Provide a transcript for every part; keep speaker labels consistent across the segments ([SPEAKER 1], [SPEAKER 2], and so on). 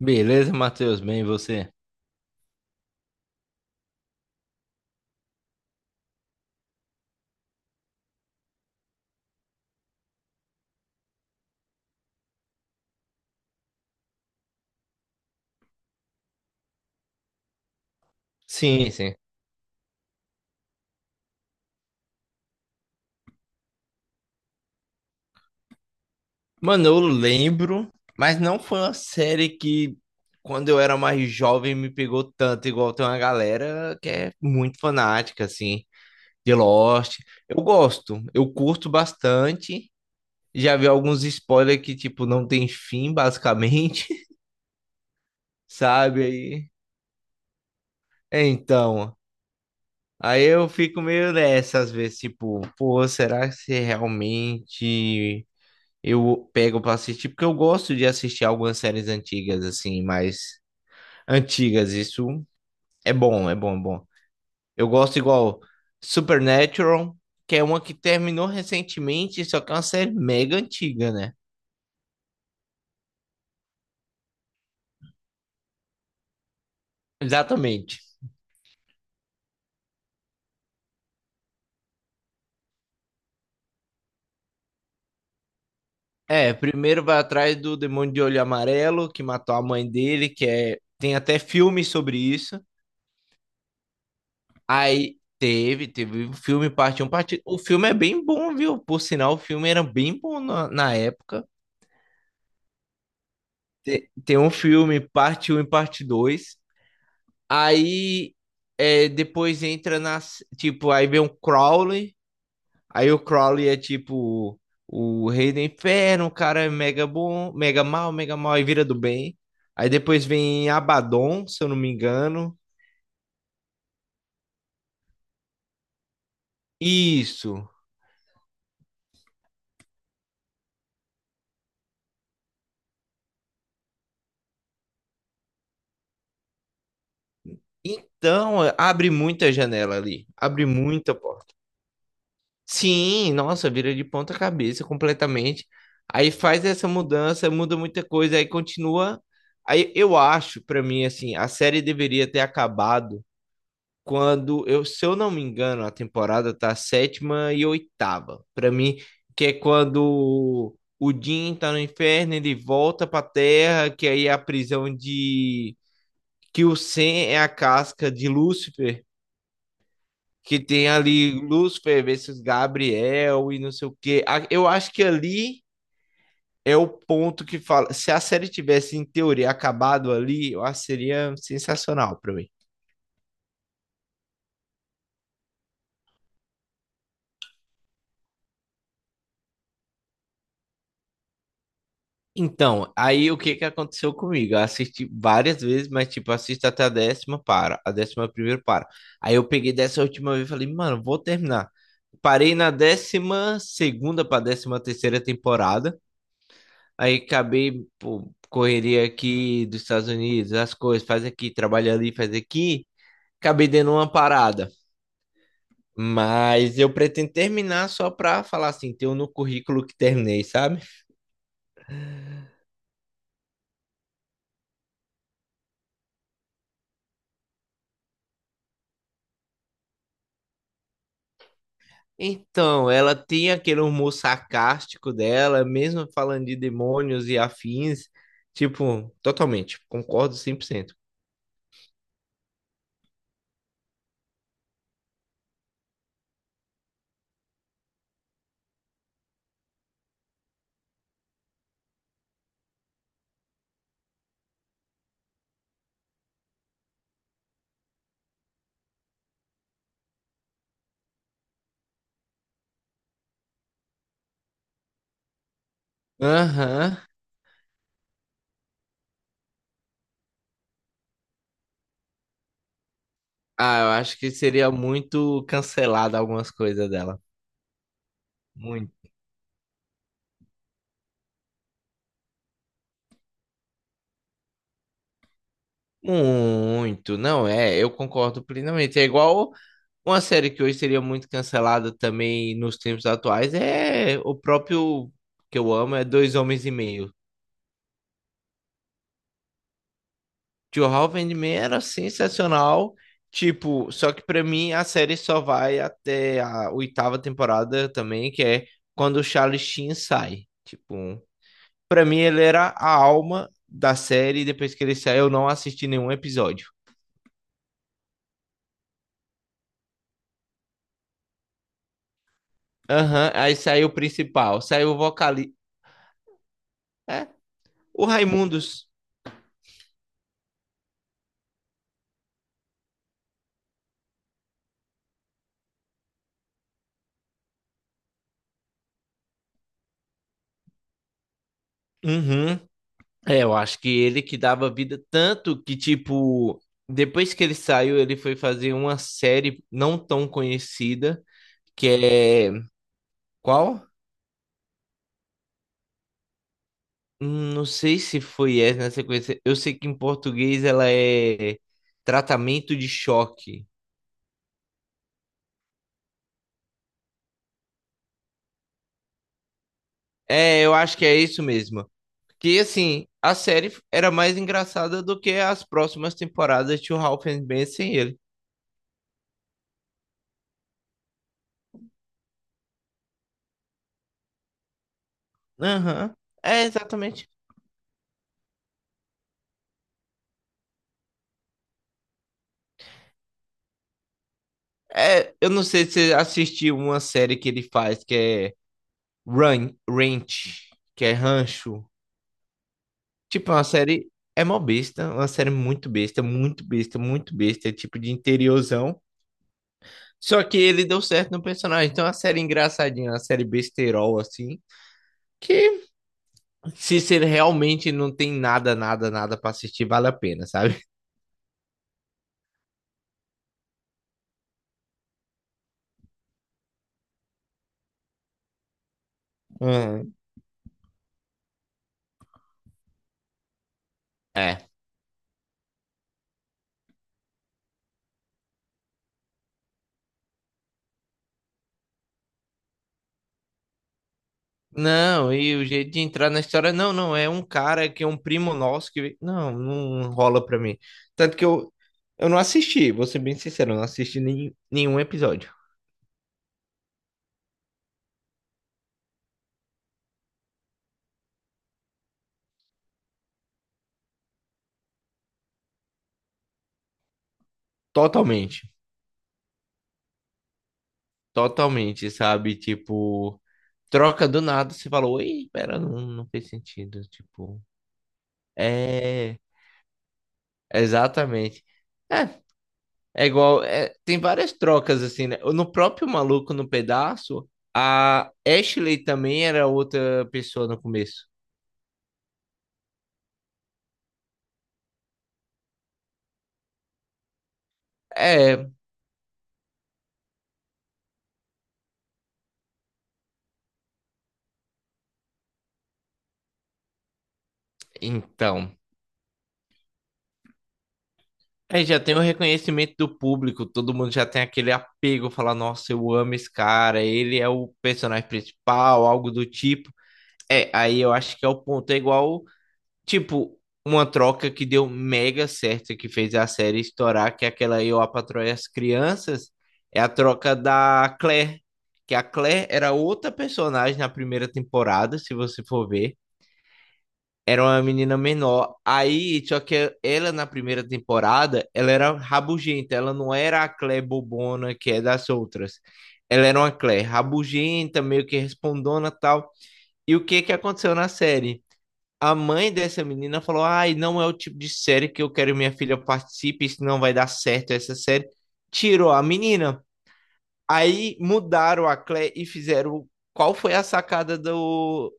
[SPEAKER 1] Beleza, Matheus? Bem, e você? Sim, sim. Mano, eu lembro, mas não foi uma série que, quando eu era mais jovem, me pegou tanto, igual tem uma galera que é muito fanática, assim, de Lost. Eu curto bastante. Já vi alguns spoilers que, tipo, não tem fim, basicamente, sabe? É, então, aí eu fico meio nessa, às vezes, tipo, pô, será que se realmente eu pego pra assistir, porque eu gosto de assistir algumas séries antigas, assim, mais antigas. Isso é bom, é bom, é bom. Eu gosto igual Supernatural, que é uma que terminou recentemente, só que é uma série mega antiga, né? Exatamente. É, primeiro vai atrás do Demônio de Olho Amarelo, que matou a mãe dele, que é. Tem até filme sobre isso. Aí teve, teve o filme parte um parte. O filme é bem bom, viu? Por sinal, o filme era bem bom na época. Tem, tem um filme, parte um e parte dois. Aí é, depois entra na s- Tipo, aí vem o Crowley. Aí o Crowley é tipo o rei do inferno, o cara é mega bom, mega mal, e vira do bem. Aí depois vem Abaddon, se eu não me engano. Isso. Então, abre muita janela ali. Abre muita porta. Sim, nossa, vira de ponta cabeça completamente. Aí faz essa mudança, muda muita coisa, aí continua. Aí eu acho, pra mim, assim, a série deveria ter acabado quando eu, se eu não me engano, a temporada tá sétima e oitava. Pra mim, que é quando o Jim tá no inferno, ele volta pra Terra, que aí é a prisão de que o Sen é a casca de Lúcifer, que tem ali Lúcifer versus Gabriel e não sei o quê. A- Eu acho que ali é o ponto que fala. Se a série tivesse, em teoria, acabado ali, eu acho que seria sensacional pra mim. Então, aí o que que aconteceu comigo? Eu assisti várias vezes, mas tipo, assisto até a décima, para. A décima primeira, para. Aí eu peguei dessa última vez e falei, mano, vou terminar. Parei na décima segunda pra décima terceira temporada. Aí acabei, pô, correria aqui dos Estados Unidos, as coisas, faz aqui, trabalha ali, faz aqui. Acabei dando uma parada. Mas eu pretendo terminar só pra falar assim, ter um no currículo que terminei, sabe? Então, ela tem aquele humor sarcástico dela, mesmo falando de demônios e afins. Tipo, totalmente, concordo 100%. Aham. Ah, eu acho que seria muito cancelado algumas coisas dela. Muito. Muito, não é, eu concordo plenamente. É igual uma série que hoje seria muito cancelada também nos tempos atuais, é o próprio que eu amo, é Dois Homens e Meio. Two Half and Men era sensacional, tipo, só que pra mim a série só vai até a oitava temporada também, que é quando o Charlie Sheen sai. Tipo, pra mim ele era a alma da série, e depois que ele saiu eu não assisti nenhum episódio. Aham, aí saiu o principal, saiu o vocalista. O Raimundos. Uhum. É, eu acho que ele que dava vida tanto que, tipo, depois que ele saiu, ele foi fazer uma série não tão conhecida, que é. Qual? Não sei se foi essa na sequência. Eu sei que em português ela é Tratamento de Choque. É, eu acho que é isso mesmo. Que assim, a série era mais engraçada do que as próximas temporadas de O Ralph and Ben sem ele. Aham. É, exatamente. É, eu não sei se você assistiu uma série que ele faz que é Run, Ranch, que é Rancho. Tipo, é uma série. É mó besta, uma série muito besta, muito besta, muito besta, tipo de interiorzão. Só que ele deu certo no personagem. Então é uma série engraçadinha, uma série besterol, assim. Que se você realmente não tem nada, nada, nada pra assistir, vale a pena, sabe? Uhum. É. Não, e o jeito de entrar na história, não, não, é um cara que é um primo nosso que. Não, não rola pra mim. Tanto que eu não assisti, vou ser bem sincero, eu não assisti nem, nenhum episódio. Totalmente, totalmente, sabe? Tipo, troca do nada, você falou, oi, pera, não, não fez sentido. Tipo, é, exatamente. É, é igual, é, tem várias trocas assim, né? No próprio Maluco no Pedaço, a Ashley também era outra pessoa no começo. É, então. Aí já tem o reconhecimento do público, todo mundo já tem aquele apego, falar, nossa, eu amo esse cara, ele é o personagem principal, algo do tipo. É, aí eu acho que é o ponto. É igual, tipo, uma troca que deu mega certo, que fez a série estourar, que é aquela Eu, a Patroa e as Crianças, é a troca da Claire. Que a Claire era outra personagem na primeira temporada, se você for ver. Era uma menina menor. Aí, só que ela na primeira temporada, ela era rabugenta, ela não era a Clé bobona que é das outras. Ela era uma Clé rabugenta, meio que respondona e tal. E o que que aconteceu na série? A mãe dessa menina falou: "Ai, não é o tipo de série que eu quero que minha filha participe, isso não vai dar certo essa série". Tirou a menina. Aí mudaram a Clé e fizeram qual foi a sacada do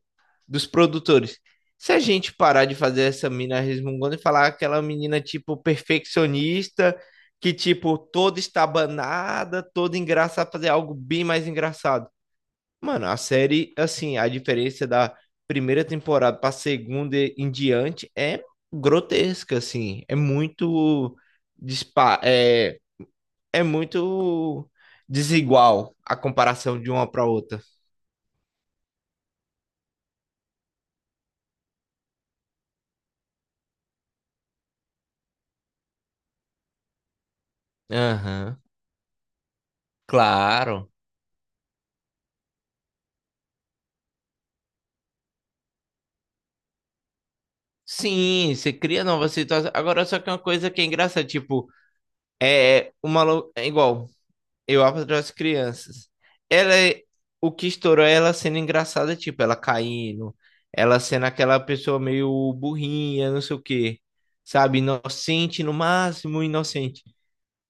[SPEAKER 1] dos produtores. Se a gente parar de fazer essa mina resmungona e falar aquela menina, tipo, perfeccionista, que, tipo, toda estabanada, toda engraçada, fazer algo bem mais engraçado. Mano, a série, assim, a diferença da primeira temporada pra segunda em diante é grotesca, assim. É muito dispa- É, é muito desigual a comparação de uma pra outra. Aham, claro. Sim, você cria novas situações. Agora, só que é uma coisa que é engraçada, tipo, é uma lou- é igual, eu apedrejo as crianças. Ela é- o que estourou é ela sendo engraçada, tipo, ela caindo, ela sendo aquela pessoa meio burrinha, não sei o quê. Sabe, inocente no máximo, inocente.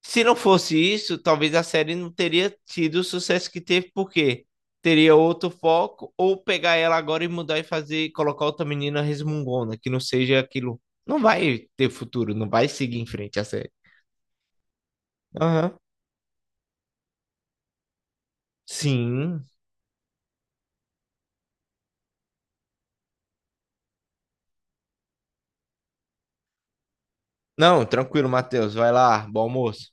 [SPEAKER 1] Se não fosse isso, talvez a série não teria tido o sucesso que teve, porque teria outro foco, ou pegar ela agora e mudar e fazer, colocar outra menina resmungona, que não seja aquilo. Não vai ter futuro, não vai seguir em frente a série. Aham. Sim. Não, tranquilo, Matheus. Vai lá, bom almoço.